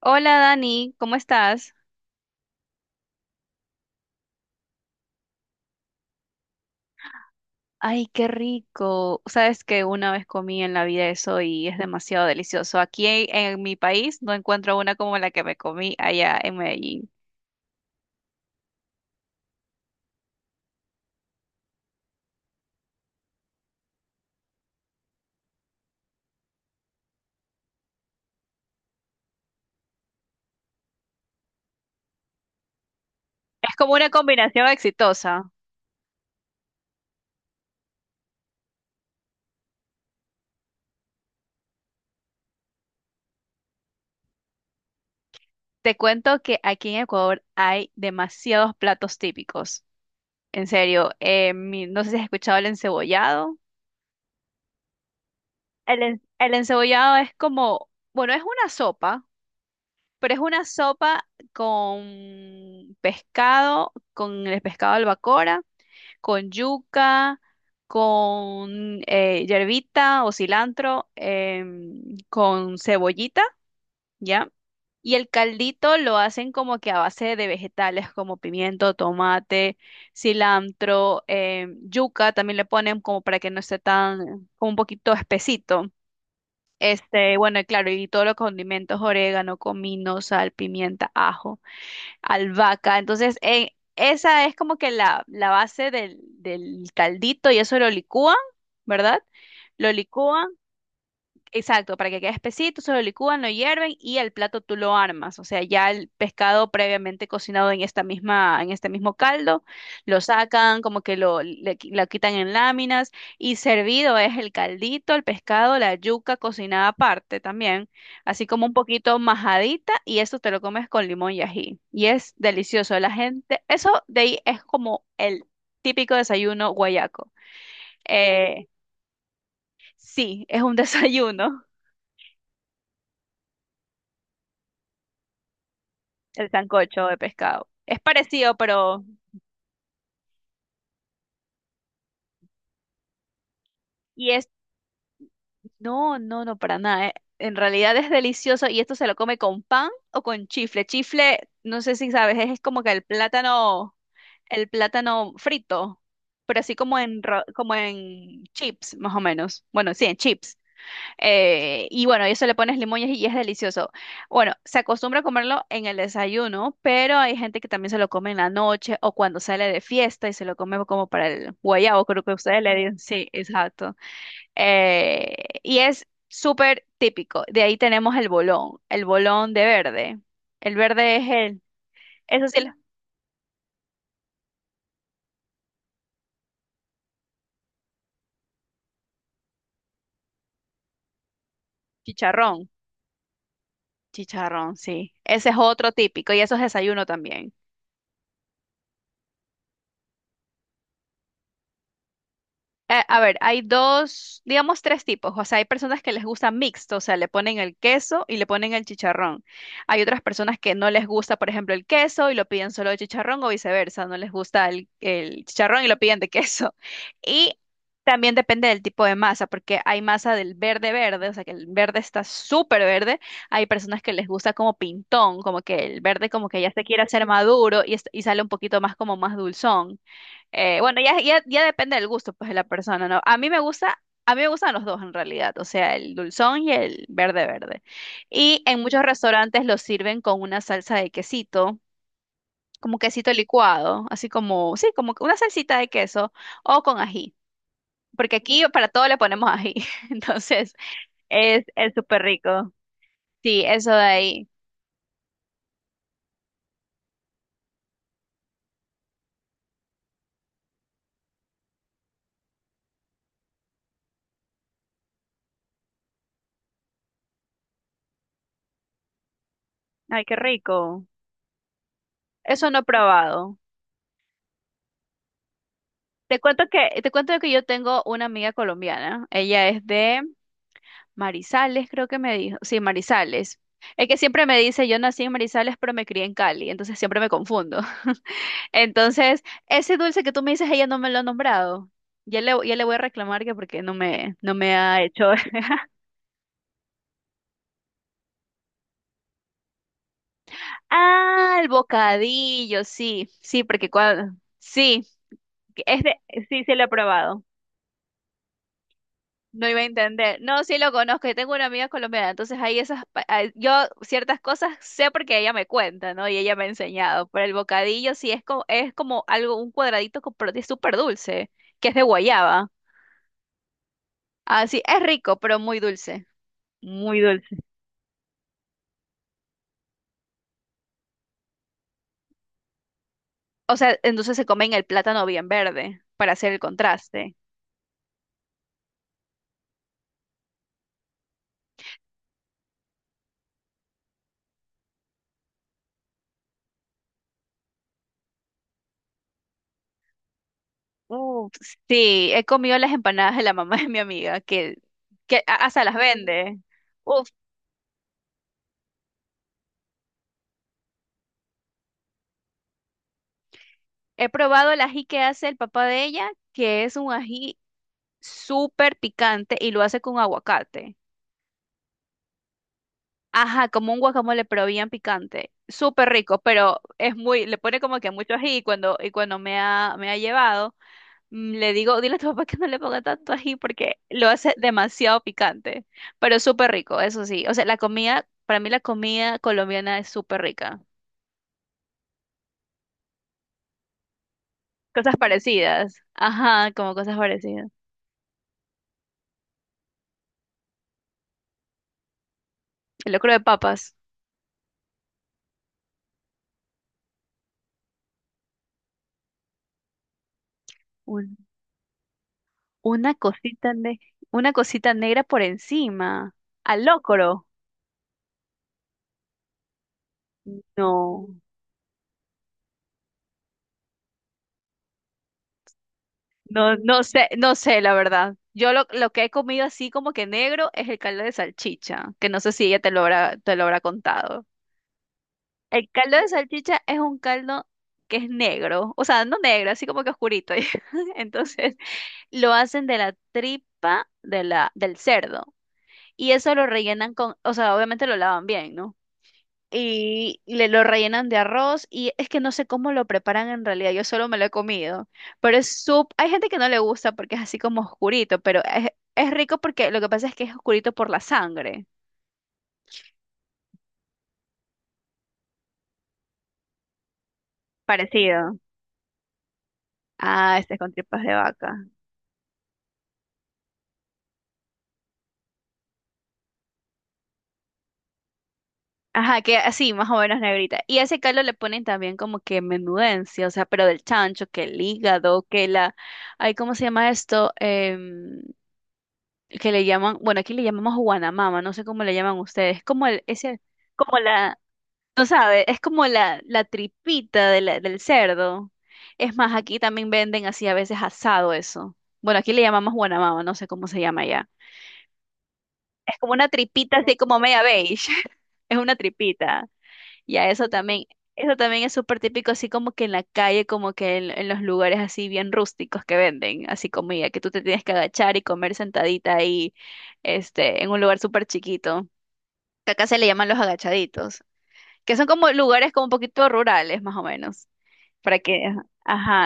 Hola Dani, ¿cómo estás? Ay, qué rico. Sabes que una vez comí en la vida eso y es demasiado delicioso. Aquí en mi país no encuentro una como la que me comí allá en Medellín. Es como una combinación exitosa. Te cuento que aquí en Ecuador hay demasiados platos típicos. En serio, no sé si has escuchado el encebollado. El encebollado es como, bueno, es una sopa. Pero es una sopa con pescado, con el pescado albacora, con yuca, con hierbita o cilantro, con cebollita, ¿ya? Y el caldito lo hacen como que a base de vegetales como pimiento, tomate, cilantro, yuca también le ponen como para que no esté tan, como un poquito espesito. Este, bueno, y claro, y todos los condimentos, orégano, comino, sal, pimienta, ajo albahaca. Entonces, esa es como que la base del caldito y eso lo licúan, ¿verdad? Lo licúan. Exacto, para que quede espesito, se lo licúan, lo hierven y el plato tú lo armas. O sea, ya el pescado previamente cocinado en esta misma, en este mismo caldo, lo sacan, como que lo, lo quitan en láminas y servido es el caldito, el pescado, la yuca cocinada aparte también, así como un poquito majadita y eso te lo comes con limón y ají. Y es delicioso. La gente, eso de ahí es como el típico desayuno guayaco. Eh, sí, es un desayuno. El sancocho de pescado. Es parecido, pero... Y es... No, no, no, para nada. En realidad es delicioso y esto se lo come con pan o con chifle. Chifle, no sé si sabes, es como que el plátano frito, pero así como en, como en chips, más o menos. Bueno, sí, en chips. Y bueno, y eso le pones limones y es delicioso. Bueno, se acostumbra a comerlo en el desayuno, pero hay gente que también se lo come en la noche o cuando sale de fiesta y se lo come como para el guayabo, creo que ustedes le dicen. Sí, exacto. Y es súper típico. De ahí tenemos el bolón de verde. El verde es el, eso sí, el chicharrón. Chicharrón, sí. Ese es otro típico y eso es desayuno también. A ver, hay dos, digamos tres tipos. O sea, hay personas que les gusta mixto, o sea, le ponen el queso y le ponen el chicharrón. Hay otras personas que no les gusta, por ejemplo, el queso y lo piden solo de chicharrón o viceversa, no les gusta el chicharrón y lo piden de queso. Y también depende del tipo de masa, porque hay masa del verde verde, o sea, que el verde está súper verde. Hay personas que les gusta como pintón, como que el verde como que ya se quiere hacer maduro y, y sale un poquito más como más dulzón. Bueno, ya depende del gusto, pues, de la persona, ¿no? A mí me gusta, a mí me gustan los dos en realidad, o sea, el dulzón y el verde verde. Y en muchos restaurantes lo sirven con una salsa de quesito, como quesito licuado, así como, sí, como que una salsita de queso o con ají, porque aquí para todo le ponemos ají, entonces es súper rico. Sí, eso de ahí. Ay, qué rico. Eso no he probado. Te cuento te cuento que yo tengo una amiga colombiana. Ella es de Marizales, creo que me dijo. Sí, Marizales. Es que siempre me dice, yo nací en Marizales, pero me crié en Cali, entonces siempre me confundo. Entonces, ese dulce que tú me dices, ella no me lo ha nombrado. Ya le voy a reclamar que porque no no me ha hecho. Ah, el bocadillo, sí, sí, porque cuando, sí, que es de- sí, sí lo he probado. No iba a entender. No, sí lo conozco. Yo tengo una amiga colombiana, entonces hay esas, ah, yo ciertas cosas sé porque ella me cuenta, ¿no? Y ella me ha enseñado. Pero el bocadillo sí es como algo, un cuadradito con súper dulce, que es de guayaba. Así, es rico, pero muy dulce. Muy dulce. O sea, entonces se comen el plátano bien verde para hacer el contraste. Uf, sí, he comido las empanadas de la mamá de mi amiga, hasta las vende. He probado el ají que hace el papá de ella, que es un ají súper picante y lo hace con aguacate. Ajá, como un guacamole, pero bien picante. Súper rico, pero es muy, le pone como que mucho ají y cuando me ha llevado, le digo, dile a tu papá que no le ponga tanto ají porque lo hace demasiado picante, pero súper rico, eso sí. O sea, la comida, para mí la comida colombiana es súper rica. Cosas parecidas. Ajá, como cosas parecidas. El locro de papas. Uy. No. Una cosita, una cosita negra por encima. Al locro. No, no, no sé, no sé, la verdad. Yo lo que he comido así como que negro es el caldo de salchicha, que no sé si ella te lo habrá contado. El caldo de salchicha es un caldo que es negro, o sea, no negro, así como que oscurito. Entonces, lo hacen de la tripa de la, del cerdo. Y eso lo rellenan con, o sea, obviamente lo lavan bien, ¿no? y le lo rellenan de arroz y es que no sé cómo lo preparan en realidad, yo solo me lo he comido, pero es sup hay gente que no le gusta porque es así como oscurito, pero es rico porque lo que pasa es que es oscurito por la sangre, parecido. Ah, este es con tripas de vaca. Ajá, que así, más o menos negrita. Y a ese caldo le ponen también como que menudencia, o sea, pero del chancho, que el hígado, que la... Ay, ¿cómo se llama esto? Que le llaman, bueno, aquí le llamamos guanamama, no sé cómo le llaman ustedes. Como el, ese, como la, tú sabes, es como la tripita de del cerdo. Es más, aquí también venden así a veces asado eso. Bueno, aquí le llamamos guanamama, no sé cómo se llama allá. Es como una tripita así como media beige. Es una tripita. Y a eso también es súper típico, así como que en la calle, como que en los lugares así bien rústicos que venden, así comida, que tú te tienes que agachar y comer sentadita ahí, este, en un lugar súper chiquito. Que acá se le llaman los agachaditos que son como lugares como un poquito rurales, más o menos para que, ajá,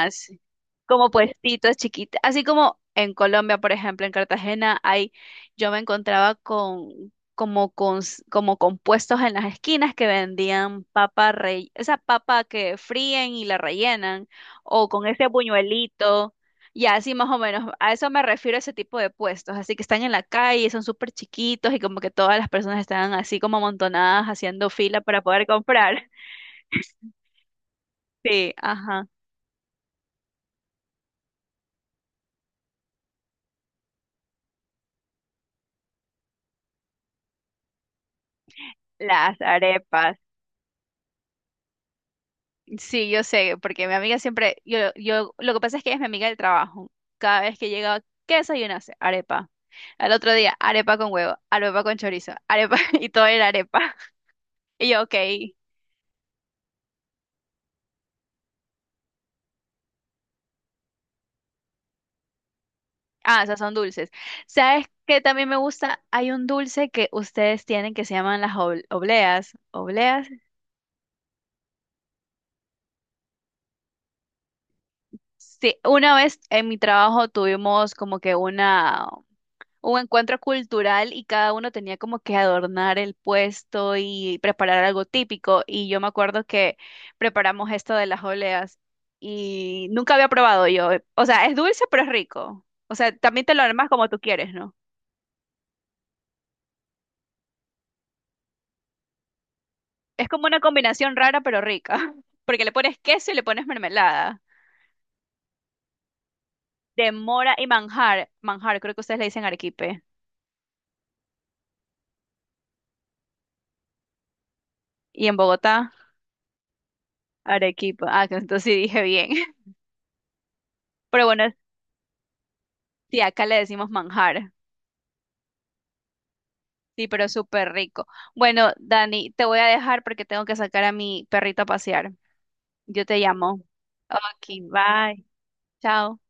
ajá, sí, como puestitos chiquitos, así como en Colombia, por ejemplo, en Cartagena hay, yo me encontraba con como con como con puestos en las esquinas que vendían papa rey, esa papa que fríen y la rellenan o con ese buñuelito. Y así más o menos, a eso me refiero ese tipo de puestos, así que están en la calle, son súper chiquitos y como que todas las personas están así como amontonadas haciendo fila para poder comprar. Sí, ajá. Las arepas. Sí, yo sé, porque mi amiga siempre, lo que pasa es que ella es mi amiga del trabajo. Cada vez que llegaba, ¿qué desayunaste? Arepa. Al otro día, arepa con huevo, arepa con chorizo, arepa, y todo era arepa. Y yo, ok, ah, esas son dulces. ¿Sabes qué también me gusta? Hay un dulce que ustedes tienen que se llaman las obleas. ¿Obleas? Sí, una vez en mi trabajo tuvimos como que un encuentro cultural y cada uno tenía como que adornar el puesto y preparar algo típico. Y yo me acuerdo que preparamos esto de las oleas y nunca había probado yo. O sea, es dulce pero es rico. O sea, también te lo armas como tú quieres, ¿no? Es como una combinación rara pero rica, porque le pones queso y le pones mermelada de mora y manjar. Manjar, creo que ustedes le dicen arequipe. Y en Bogotá, arequipa. Ah, que entonces sí dije bien. Pero bueno, sí, acá le decimos manjar. Sí, pero súper rico. Bueno, Dani, te voy a dejar porque tengo que sacar a mi perrito a pasear. Yo te llamo. Ok, bye. Chao.